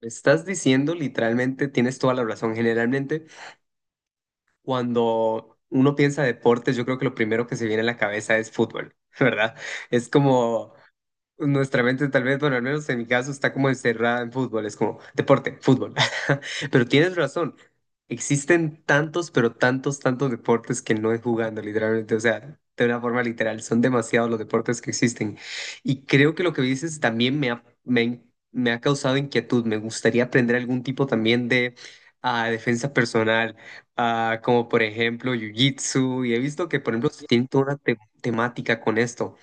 Estás diciendo literalmente, tienes toda la razón. Generalmente, cuando uno piensa deportes, yo creo que lo primero que se viene a la cabeza es fútbol, ¿verdad? Es como nuestra mente tal vez, bueno, al menos en mi caso está como encerrada en fútbol, es como deporte, fútbol. Pero tienes razón, existen tantos, pero tantos, tantos deportes que no es jugando, literalmente, o sea, de una forma literal, son demasiados los deportes que existen. Y creo que lo que dices también me ha causado inquietud, me gustaría aprender algún tipo también de defensa personal, como por ejemplo Jiu-Jitsu, y he visto que por ejemplo tienen toda una temática con esto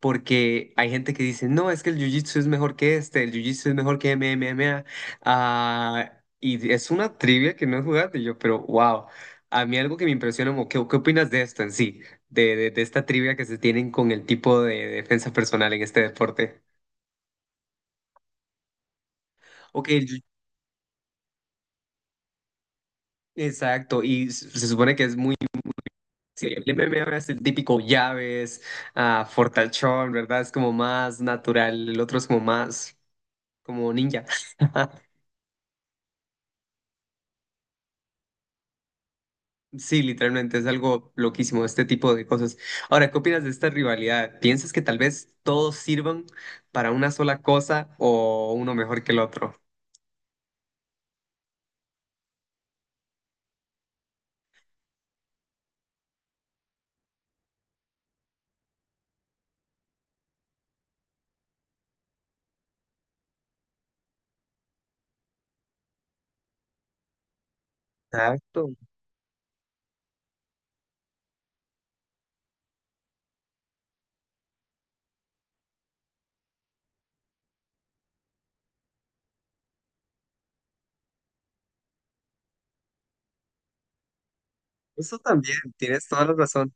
porque hay gente que dice, no, es que el jiu-jitsu es mejor que este, el jiu-jitsu es mejor que MMA. Ah, y es una trivia que no he jugado y yo, pero wow, a mí algo que me impresiona, como, qué opinas de esto en sí? De esta trivia que se tienen con el tipo de defensa personal en este deporte. Ok, exacto, y se supone que es muy... sí, el MMA es el típico llaves, fortachón, ¿verdad? Es como más natural, el otro es como más como ninja. Sí, literalmente es algo loquísimo este tipo de cosas. Ahora, ¿qué opinas de esta rivalidad? ¿Piensas que tal vez todos sirvan para una sola cosa o uno mejor que el otro? Exacto, eso también, tienes toda la razón.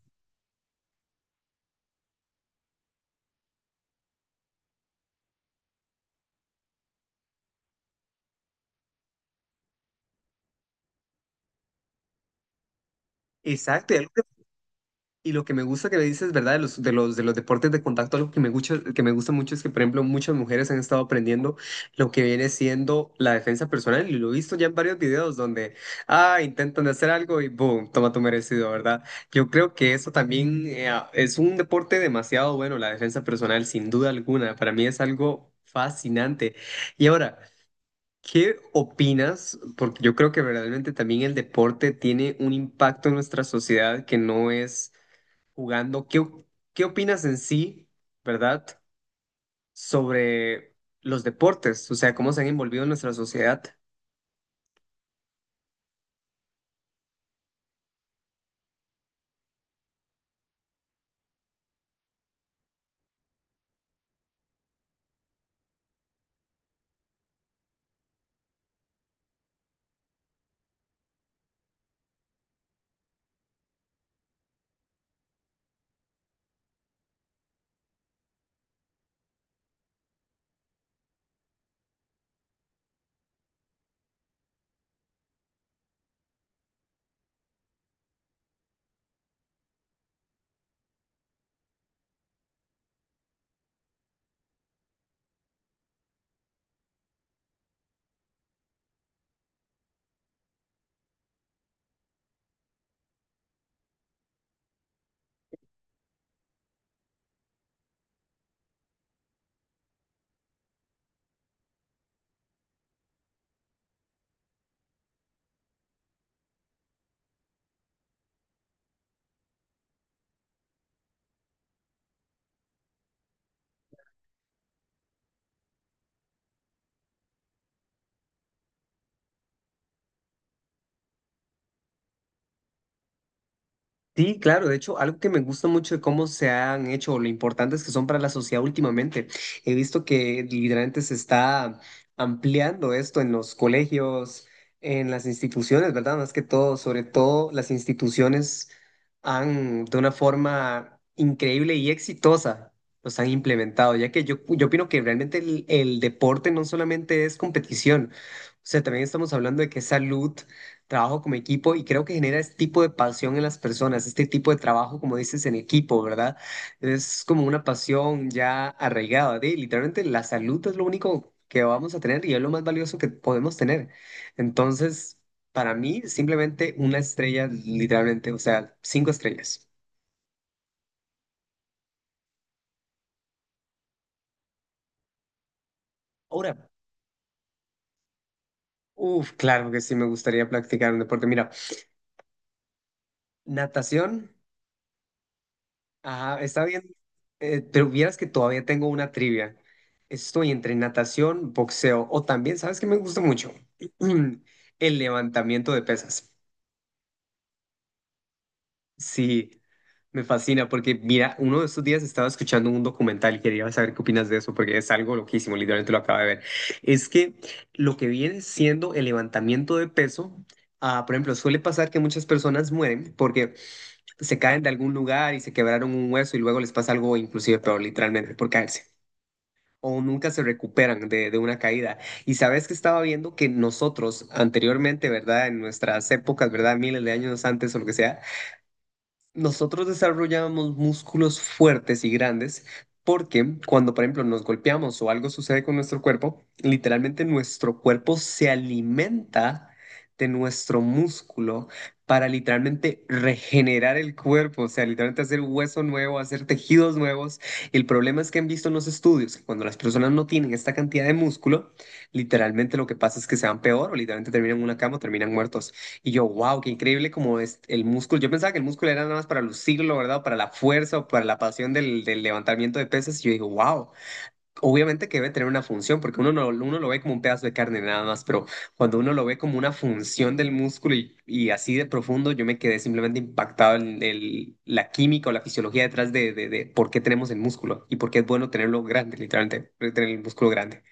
Exacto, y algo que y lo que me gusta que me dices, ¿verdad? De los deportes de contacto, algo que me gusta mucho es que, por ejemplo, muchas mujeres han estado aprendiendo lo que viene siendo la defensa personal. Y lo he visto ya en varios videos donde, intentan de hacer algo y boom, toma tu merecido, ¿verdad? Yo creo que eso también es un deporte demasiado bueno, la defensa personal, sin duda alguna. Para mí es algo fascinante. Y ahora... ¿Qué opinas? Porque yo creo que verdaderamente también el deporte tiene un impacto en nuestra sociedad que no es jugando. Qué opinas en sí, verdad, sobre los deportes? O sea, cómo se han envolvido en nuestra sociedad. Sí, claro, de hecho, algo que me gusta mucho de cómo se han hecho, o lo importantes que son para la sociedad últimamente. He visto que literalmente se está ampliando esto en los colegios, en las instituciones, ¿verdad? Más que todo, sobre todo las instituciones han, de una forma increíble y exitosa, los han implementado, ya que yo opino que realmente el deporte no solamente es competición, o sea, también estamos hablando de que es salud, trabajo como equipo y creo que genera este tipo de pasión en las personas, este tipo de trabajo, como dices, en equipo, ¿verdad? Es como una pasión ya arraigada, de literalmente la salud es lo único que vamos a tener y es lo más valioso que podemos tener. Entonces, para mí, simplemente una estrella, literalmente, o sea, cinco estrellas. Ahora, uff, claro que sí me gustaría practicar un deporte. Mira, natación. Ajá, está bien. Pero vieras que todavía tengo una trivia. Estoy entre natación, boxeo o también, ¿sabes qué me gusta mucho? El levantamiento de pesas. Sí, me fascina porque mira, uno de estos días estaba escuchando un documental y quería saber qué opinas de eso porque es algo loquísimo, literalmente lo acabo de ver. Es que lo que viene siendo el levantamiento de peso, por ejemplo, suele pasar que muchas personas mueren porque se caen de algún lugar y se quebraron un hueso y luego les pasa algo inclusive peor, literalmente, por caerse. O nunca se recuperan de una caída. Y sabes que estaba viendo que nosotros anteriormente, ¿verdad? En nuestras épocas, ¿verdad? Miles de años antes o lo que sea, nosotros desarrollamos músculos fuertes y grandes porque cuando, por ejemplo, nos golpeamos o algo sucede con nuestro cuerpo, literalmente nuestro cuerpo se alimenta de nuestro músculo para literalmente regenerar el cuerpo, o sea, literalmente hacer hueso nuevo, hacer tejidos nuevos. El problema es que han visto en los estudios que cuando las personas no tienen esta cantidad de músculo, literalmente lo que pasa es que se van peor o literalmente terminan en una cama o terminan muertos. Y yo, wow, qué increíble como es el músculo. Yo pensaba que el músculo era nada más para lucirlo, ¿verdad? Para la fuerza o para la pasión del levantamiento de pesas. Y yo digo, wow, obviamente que debe tener una función, porque uno, no, uno lo ve como un pedazo de carne nada más, pero cuando uno lo ve como una función del músculo y así de profundo, yo me quedé simplemente impactado en el, la química o la fisiología detrás de por qué tenemos el músculo y por qué es bueno tenerlo grande, literalmente, tener el músculo grande.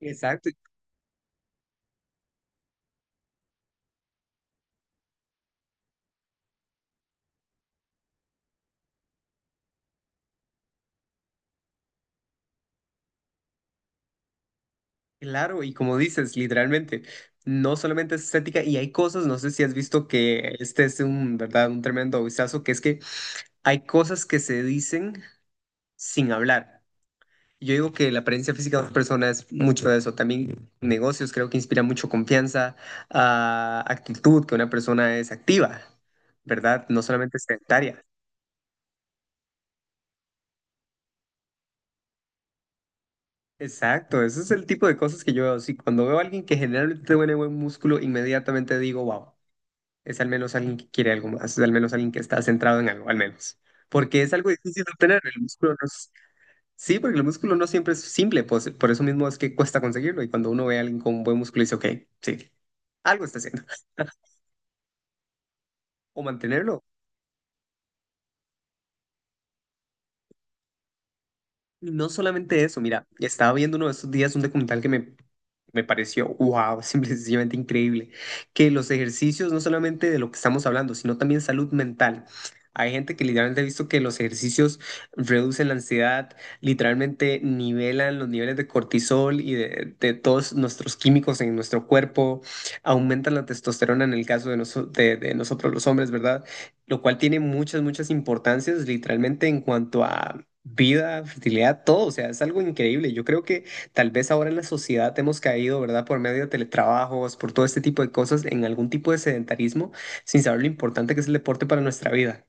Exacto, claro, y como dices, literalmente, no solamente es estética, y hay cosas, no sé si has visto que este es un, ¿verdad? Un tremendo vistazo, que es que hay cosas que se dicen sin hablar. Yo digo que la apariencia física de una persona es mucho de eso. También negocios creo que inspira mucho confianza, actitud, que una persona es activa, ¿verdad? No solamente sedentaria. Exacto, ese es el tipo de cosas que yo veo. Sí, cuando veo a alguien que generalmente tiene buen músculo, inmediatamente digo, wow, es al menos alguien que quiere algo más, es al menos alguien que está centrado en algo, al menos. Porque es algo difícil de obtener, el músculo no es- sí, porque el músculo no siempre es simple, pues, por eso mismo es que cuesta conseguirlo. Y cuando uno ve a alguien con buen músculo, dice, ok, sí, algo está haciendo. O mantenerlo, y no solamente eso, mira, estaba viendo uno de estos días un documental que me pareció, wow, simplemente increíble, que los ejercicios, no solamente de lo que estamos hablando, sino también salud mental. Hay gente que literalmente ha visto que los ejercicios reducen la ansiedad, literalmente nivelan los niveles de cortisol y de todos nuestros químicos en nuestro cuerpo, aumentan la testosterona en el caso de nosotros los hombres, ¿verdad? Lo cual tiene muchas importancias literalmente en cuanto a vida, fertilidad, todo, o sea, es algo increíble. Yo creo que tal vez ahora en la sociedad hemos caído, ¿verdad? Por medio de teletrabajos, por todo este tipo de cosas, en algún tipo de sedentarismo, sin saber lo importante que es el deporte para nuestra vida.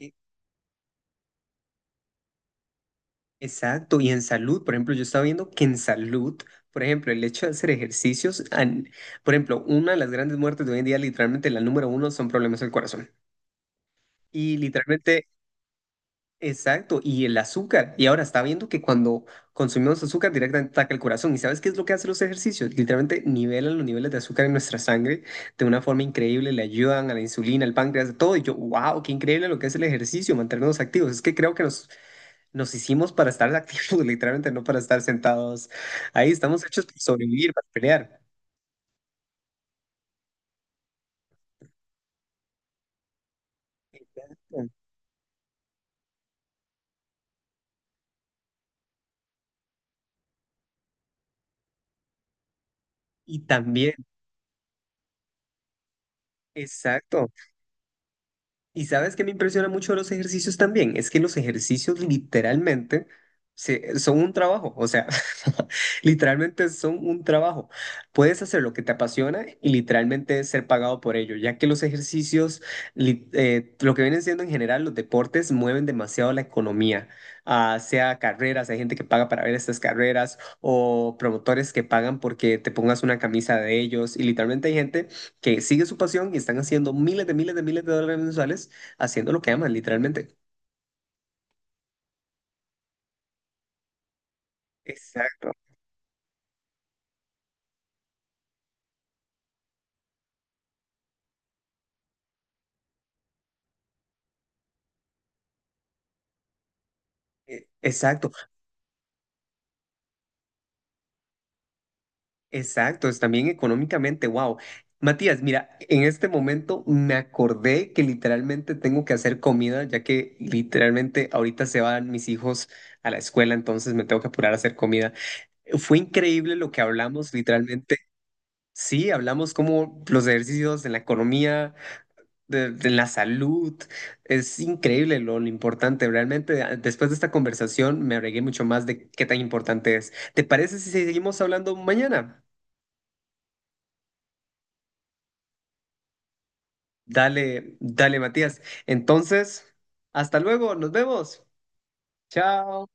E- Exacto, y en salud, por ejemplo, yo estaba viendo que en salud, por ejemplo, el hecho de hacer ejercicios, por ejemplo, una de las grandes muertes de hoy en día, literalmente la número uno, son problemas del corazón. Y literalmente exacto, y el azúcar. Y ahora está viendo que cuando consumimos azúcar directamente ataca el corazón. ¿Y sabes qué es lo que hacen los ejercicios? Literalmente nivelan los niveles de azúcar en nuestra sangre de una forma increíble, le ayudan a la insulina, al páncreas, a todo. Y yo, wow, qué increíble lo que es el ejercicio, mantenernos activos. Es que creo que nos hicimos para estar activos, literalmente, no para estar sentados. Ahí estamos hechos para sobrevivir, para pelear. Y también, exacto. Y sabes que me impresiona mucho de los ejercicios también, es que los ejercicios literalmente son un trabajo, o sea, literalmente son un trabajo. Puedes hacer lo que te apasiona y literalmente ser pagado por ello, ya que los ejercicios, lo que vienen siendo en general los deportes, mueven demasiado la economía, ah, sea carreras, hay gente que paga para ver estas carreras o promotores que pagan porque te pongas una camisa de ellos y literalmente hay gente que sigue su pasión y están haciendo miles de miles de miles de dólares mensuales haciendo lo que aman, literalmente. Exacto, exacto, exacto. Es también económicamente, wow. Matías, mira, en este momento me acordé que literalmente tengo que hacer comida, ya que literalmente ahorita se van mis hijos a la escuela, entonces me tengo que apurar a hacer comida. Fue increíble lo que hablamos, literalmente. Sí, hablamos como los ejercicios en la economía, de la salud. Es increíble lo importante. Realmente, después de esta conversación, me agregué mucho más de qué tan importante es. ¿Te parece si seguimos hablando mañana? Dale, dale, Matías. Entonces, hasta luego, nos vemos. Chao.